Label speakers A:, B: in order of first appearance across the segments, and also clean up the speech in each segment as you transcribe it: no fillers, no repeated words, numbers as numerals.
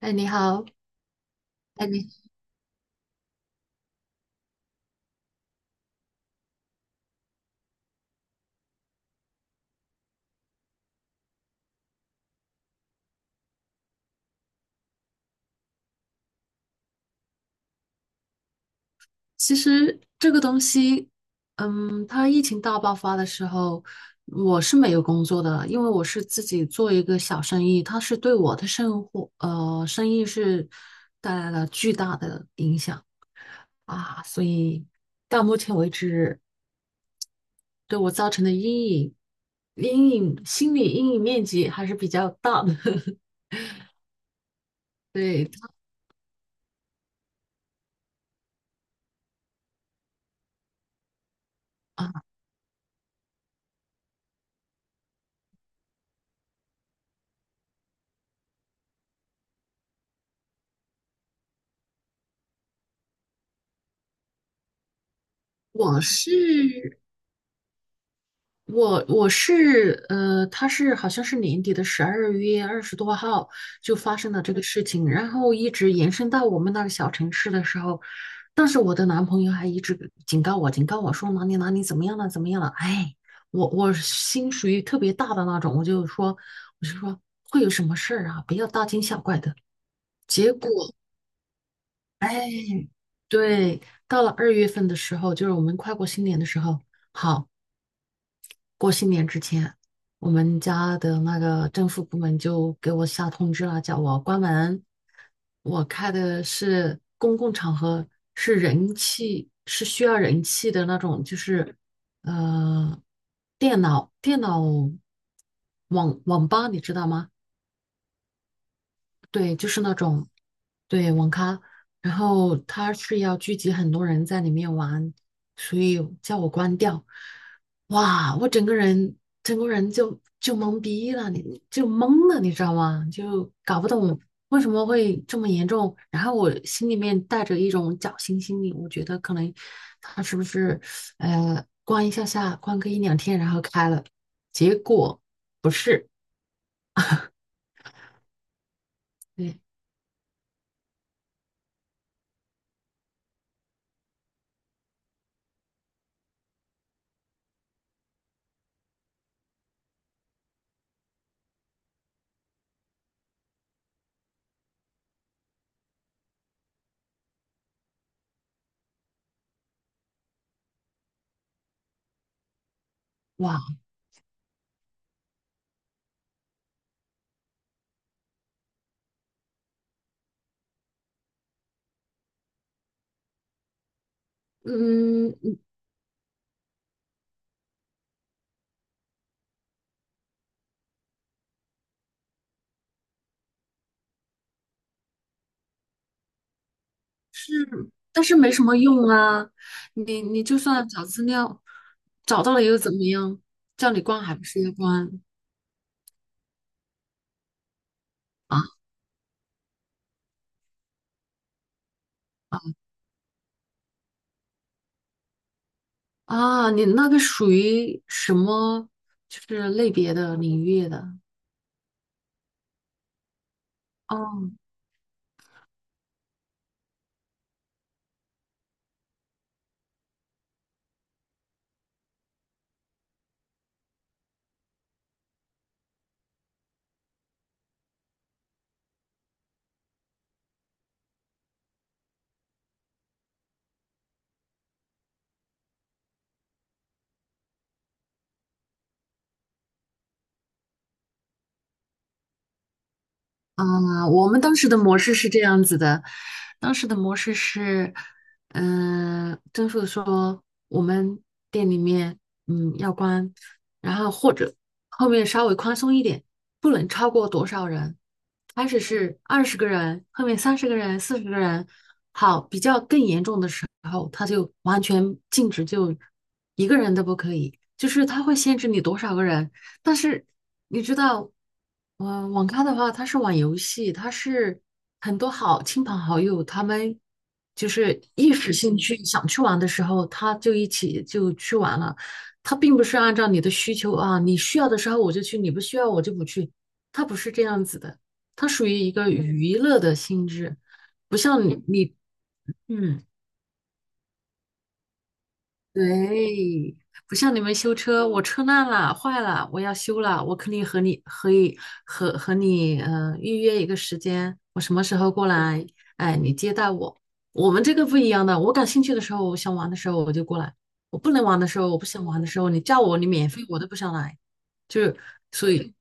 A: 哎，你好。哎，你其实这个东西，它疫情大爆发的时候，我是没有工作的，因为我是自己做一个小生意。它是对我的生活，生意是带来了巨大的影响啊，所以到目前为止，对我造成的阴影，心理阴影面积还是比较大的。对。啊，我是。我是他是好像是年底的12月20多号就发生了这个事情，然后一直延伸到我们那个小城市的时候，当时我的男朋友还一直警告我，说哪里哪里怎么样了，怎么样了，哎，我心属于特别大的那种。我就说会有什么事儿啊，不要大惊小怪的。结果对，到了2月份的时候，就是我们快过新年的时候。好。过新年之前，我们家的那个政府部门就给我下通知了，叫我关门。我开的是公共场合，是人气，是需要人气的那种，就是呃，电脑电脑网网吧，你知道吗？对，就是那种。对，网咖，然后他是要聚集很多人在里面玩，所以叫我关掉。哇，我整个人就懵逼了，你就懵了，你知道吗？就搞不懂为什么会这么严重。然后我心里面带着一种侥幸心理，我觉得可能他是不是关一下下，关个一两天，然后开了。结果不是。对，哇。嗯，但是没什么用啊。你就算找资料，找到了又怎么样？叫你关还不是要关啊啊！你那个属于什么就是类别的领域的？哦。嗯，我们当时的模式是这样子的，当时的模式是，政府说我们店里面要关，然后或者后面稍微宽松一点，不能超过多少人，开始是20个人，后面30个人、40个人。好，比较更严重的时候，他就完全禁止，就一个人都不可以，就是他会限制你多少个人。但是你知道，网咖的话，它是玩游戏，它是很多好亲朋好友，他们就是一时兴趣想去玩的时候，他就一起就去玩了。他并不是按照你的需求啊，你需要的时候我就去，你不需要我就不去，他不是这样子的，他属于一个娱乐的性质。不像你你嗯。对，不像你们修车，我车烂了、坏了，我要修了，我肯定和你可以和你预约一个时间，我什么时候过来，哎，你接待我。我们这个不一样的，我感兴趣的时候，我想玩的时候我就过来，我不能玩的时候，我不想玩的时候，你叫我，你免费我都不想来，就是。所以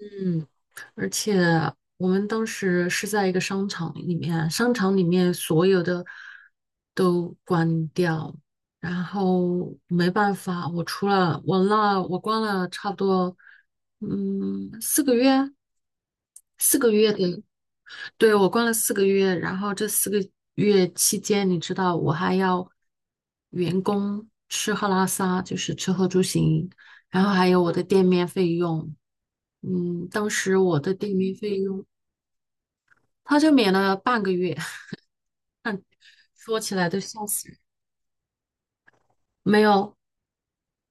A: 嗯，而且我们当时是在一个商场里面，商场里面所有的都关掉，然后没办法，我除了我那我关了差不多，四个月，四个月的。对，我关了四个月，然后这四个月期间，你知道我还要员工吃喝拉撒，就是吃喝住行，然后还有我的店面费用。当时我的店面费用他就免了半个月。说起来都笑死人。没有。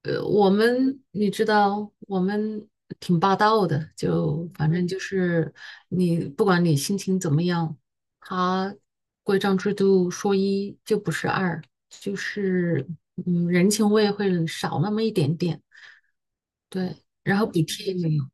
A: 我们你知道，我们挺霸道的，就反正就是你不管你心情怎么样，他规章制度说一就不是二，就是人情味会少那么一点点。对，然后补贴也没有。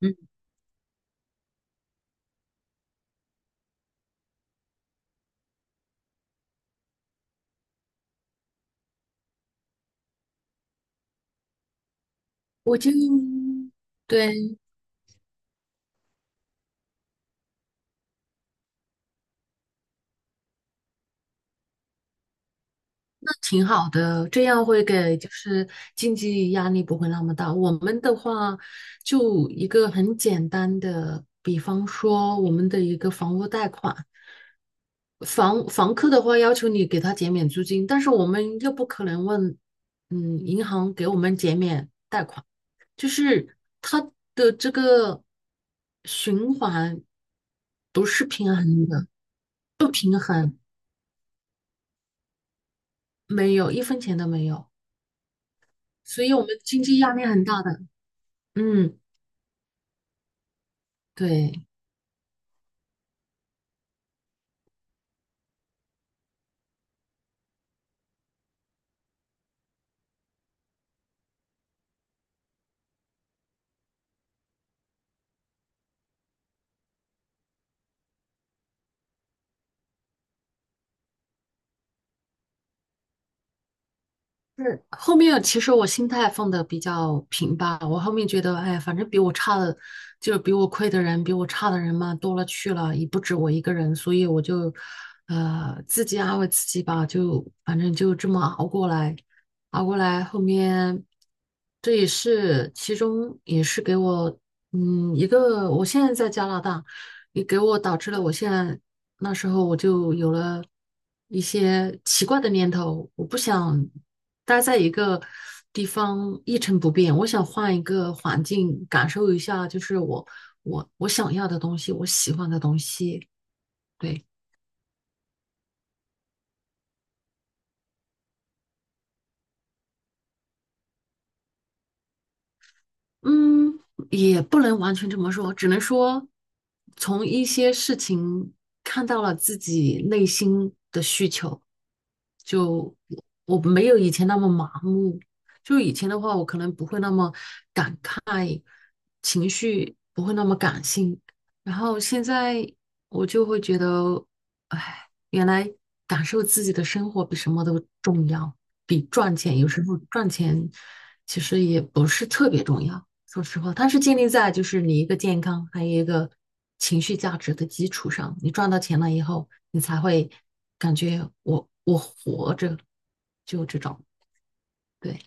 A: 嗯，我就。对，挺好的，这样会给就是经济压力不会那么大。我们的话，就一个很简单的，比方说我们的一个房屋贷款，房客的话要求你给他减免租金，但是我们又不可能问，银行给我们减免，就是它的这个循环不是平衡的，不平衡。没有一分钱都没有，所以我们经济压力很大的。嗯。对，是后面其实我心态放的比较平吧，我后面觉得，哎，反正比我差的，就是比我亏的人，比我差的人嘛，多了去了，也不止我一个人，所以我就，自己安慰自己吧，就反正就这么熬过来，熬过来，后面这也是其中也是给我，一个我现在在加拿大，也给我导致了我现在那时候我就有了一些奇怪的念头。我不想，待在一个地方一成不变，我想换一个环境，感受一下，就是我想要的东西，我喜欢的东西。对。嗯，也不能完全这么说，只能说从一些事情看到了自己内心的需求，就我没有以前那么麻木。就以前的话，我可能不会那么情绪不会那么感性。然后现在我就会觉得，哎，原来感受自己的生活比什么都重要，比赚钱有时候赚钱其实也不是特别重要。说实话，它是建立在就是你一个健康，还有一个情绪价值的基础上。你赚到钱了以后，你才会感觉我活着，就这种。对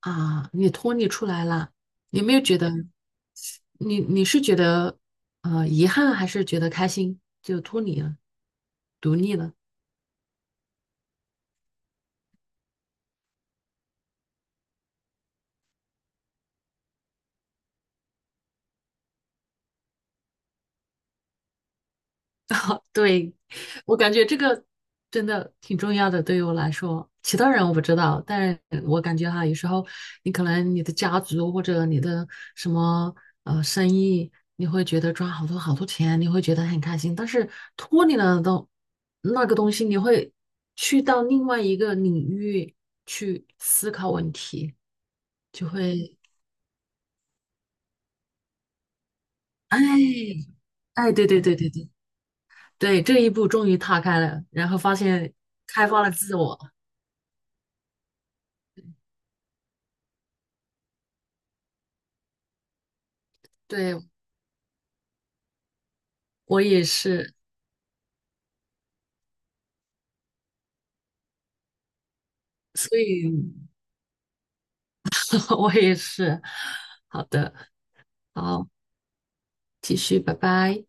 A: 啊，你脱离出来了，有没有觉得？你是觉得遗憾，还是觉得开心？就脱离了，独立了。对，我感觉这个真的挺重要的，对于我来说。其他人我不知道，但是我感觉哈，有时候你可能你的家族或者你的什么生意，你会觉得赚好多好多钱，你会觉得很开心。但是脱离了那个东西，你会去到另外一个领域去思考问题，就会哎。哎，对对对对对对，这一步终于踏开了，然后发现开发了自我。对，我也是，所以 我也是。好的。好，继续，拜拜。